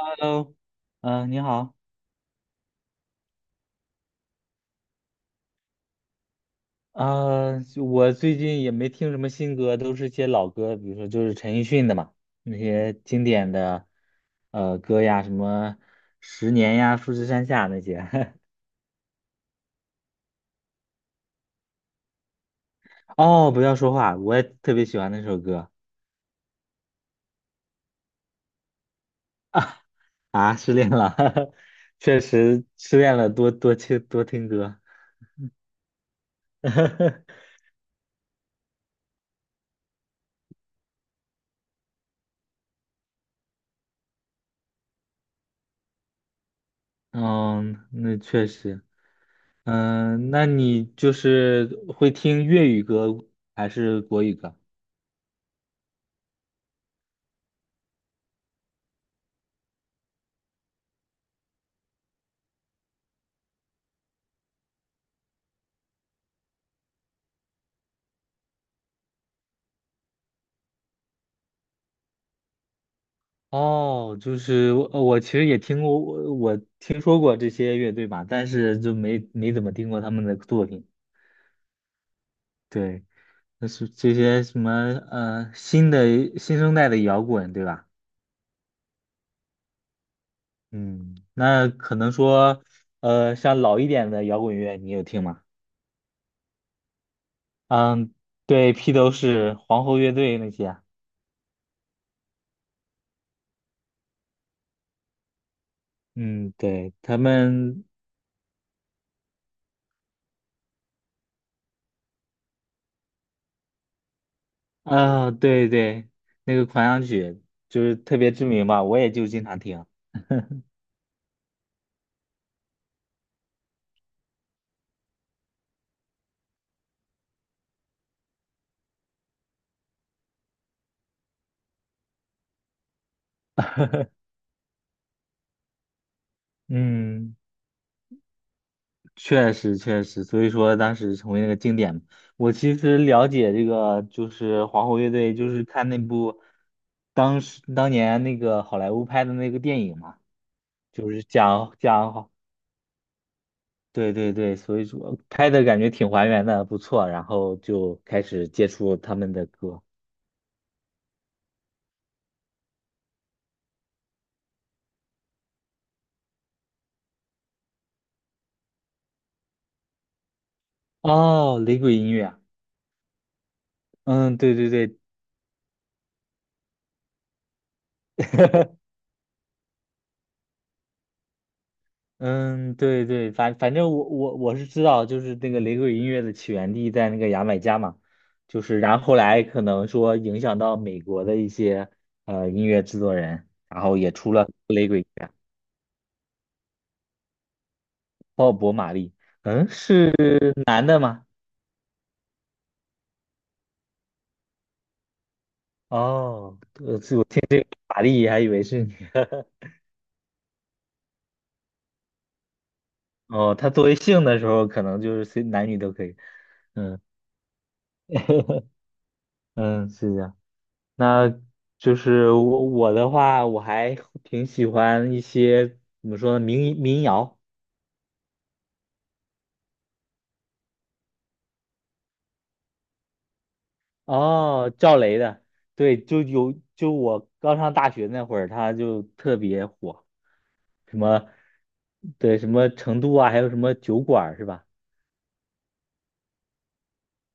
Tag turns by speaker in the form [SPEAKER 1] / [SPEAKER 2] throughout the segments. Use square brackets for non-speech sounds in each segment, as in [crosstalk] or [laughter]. [SPEAKER 1] Hello，嗯、你好，啊、就我最近也没听什么新歌，都是些老歌，比如说就是陈奕迅的嘛，那些经典的歌呀，什么《十年》呀，《富士山下》那些。[laughs] 哦，不要说话，我也特别喜欢那首歌啊，失恋了，[laughs] 确实失恋了，多多听多听歌。[laughs] 嗯，那确实，嗯、那你就是会听粤语歌还是国语歌？哦，就是我，我其实也听过，我听说过这些乐队吧，但是就没怎么听过他们的作品。对，那是这些什么新的新生代的摇滚，对吧？嗯，那可能说像老一点的摇滚乐，你有听吗？嗯，对，披头士、皇后乐队那些啊。嗯，对，他们啊，对对，那个狂想曲就是特别知名吧，我也就经常听。嗯。确实确实，所以说当时成为那个经典嘛。我其实了解这个就是皇后乐队，就是看那部当时当年那个好莱坞拍的那个电影嘛，就是讲讲，对对对，所以说拍的感觉挺还原的，不错。然后就开始接触他们的歌。哦，雷鬼音乐啊。嗯，对对对，嗯，对对，反正我是知道，就是那个雷鬼音乐的起源地在那个牙买加嘛，就是然后后来可能说影响到美国的一些音乐制作人，然后也出了雷鬼音乐，鲍勃·马利，嗯，是男的吗？哦，这我听玛丽还以为是女的，[laughs] 哦，他作为姓的时候，可能就是随男女都可以，嗯嗯，是这样。那就是我的话，我还挺喜欢一些怎么说呢，民谣。哦，赵雷的，对，就我刚上大学那会儿，他就特别火，什么对什么成都啊，还有什么酒馆儿是吧？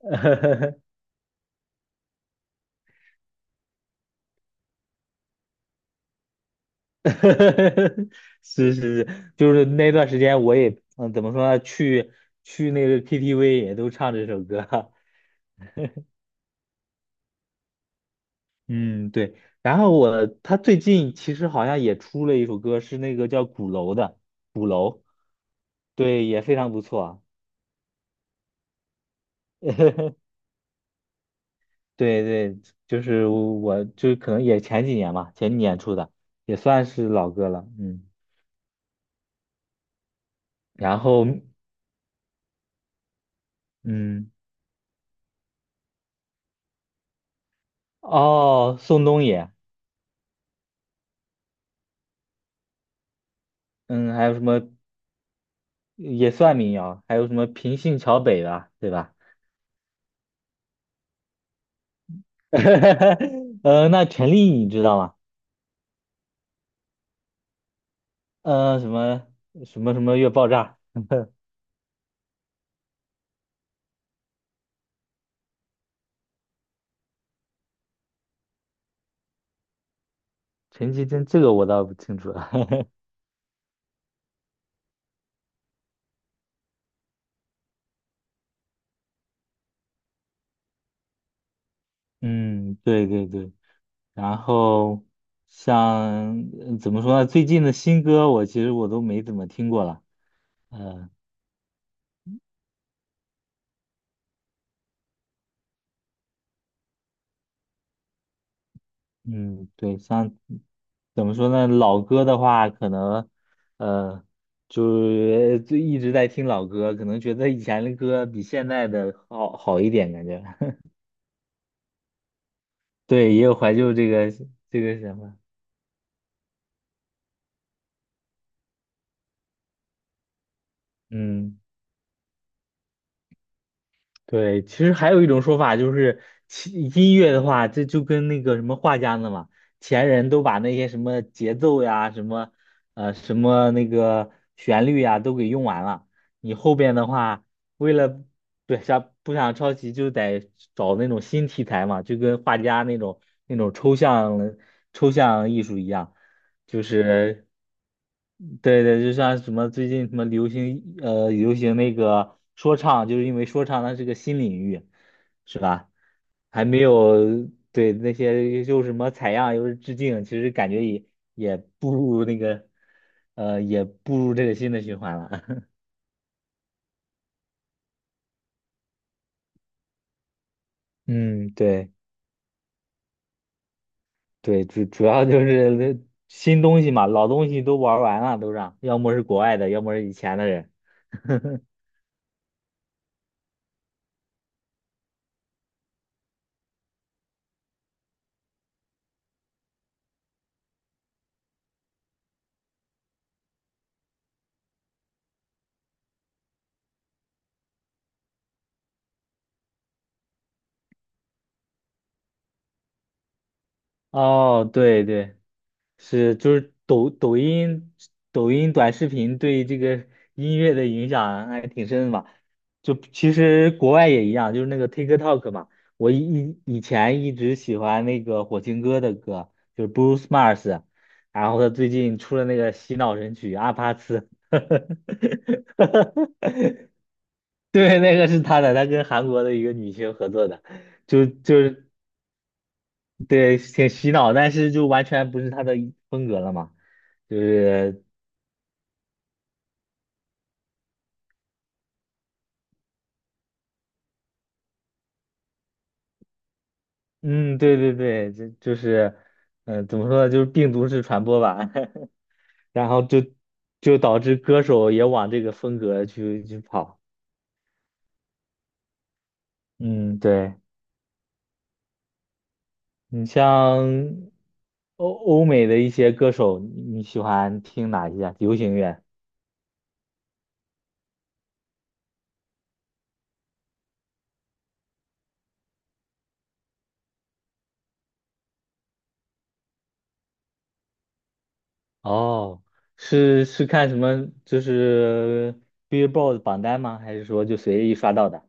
[SPEAKER 1] [laughs] [laughs] 是是是，就是那段时间我也嗯，怎么说呢，去那个 KTV 也都唱这首歌，[laughs] 嗯，对。然后他最近其实好像也出了一首歌，是那个叫《鼓楼》的《鼓楼》，对，也非常不错。对对，就是我就可能也前几年吧，前几年出的，也算是老歌了。嗯，然后嗯，哦，宋冬野，嗯，还有什么也算民谣，还有什么平信桥北的，对吧？[laughs] 呃，那陈粒你知道吗？呃，什么什么越爆炸？[laughs] 陈绮贞这个我倒不清楚了。[laughs] 嗯，对对对。然后像怎么说呢？最近的新歌我其实我都没怎么听过了。嗯嗯，对，像怎么说呢？老歌的话，可能呃，就是就一直在听老歌，可能觉得以前的歌比现在的好一点，感觉。[laughs] 对，也有怀旧这个什么。嗯。对，其实还有一种说法就是，其音乐的话，这就跟那个什么画家呢嘛，前人都把那些什么节奏呀、什么那个旋律呀都给用完了，你后边的话，为了不想抄袭，就得找那种新题材嘛，就跟画家那种那种抽象抽象艺术一样，就是。对对，就像什么最近什么流行那个说唱，就是因为说唱它是个新领域，是吧？还没有对那些又是什么采样又是致敬，其实感觉也也步入那个呃也步入这个新的循环了。[laughs] 嗯，对对，主要就是那新东西嘛，老东西都玩完了，都让，要么是国外的，要么是以前的人。[laughs] 哦，对对。是，就是抖音、抖音短视频对这个音乐的影响还挺深的嘛。就其实国外也一样，就是那个 TikTok 嘛。我以前一直喜欢那个火星哥的歌，就是 Bruce Mars，然后他最近出了那个洗脑神曲《阿帕茨》，[laughs] 对，那个是他的，他跟韩国的一个女星合作的，就是对，挺洗脑，但是就完全不是他的风格了嘛。就是嗯，对对对，这就是，嗯、怎么说呢，就是病毒式传播吧，[laughs] 然后就导致歌手也往这个风格去跑。嗯，对，你像欧美的一些歌手，你喜欢听哪一些啊流行乐？哦，是看什么？就是 Billboard 榜单吗？还是说就随意刷到的？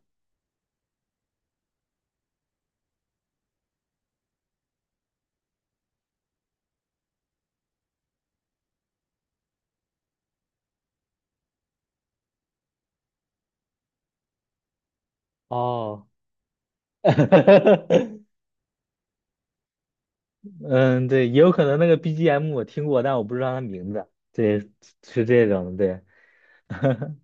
[SPEAKER 1] 哦，[laughs] 嗯，对，也有可能那个 BGM 我听过，但我不知道它名字。对，是这种，对，[laughs]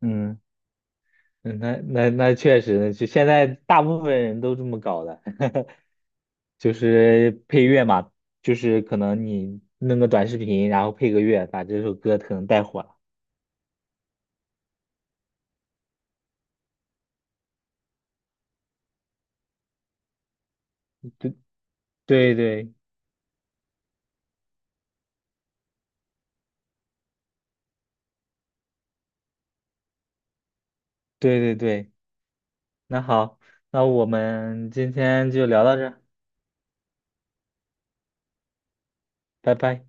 [SPEAKER 1] 嗯，嗯那确实就现在大部分人都这么搞的，[laughs] 就是配乐嘛，就是可能你弄个短视频，然后配个乐，把这首歌可能带火了。对对对对对，那好，那我们今天就聊到这儿，拜拜。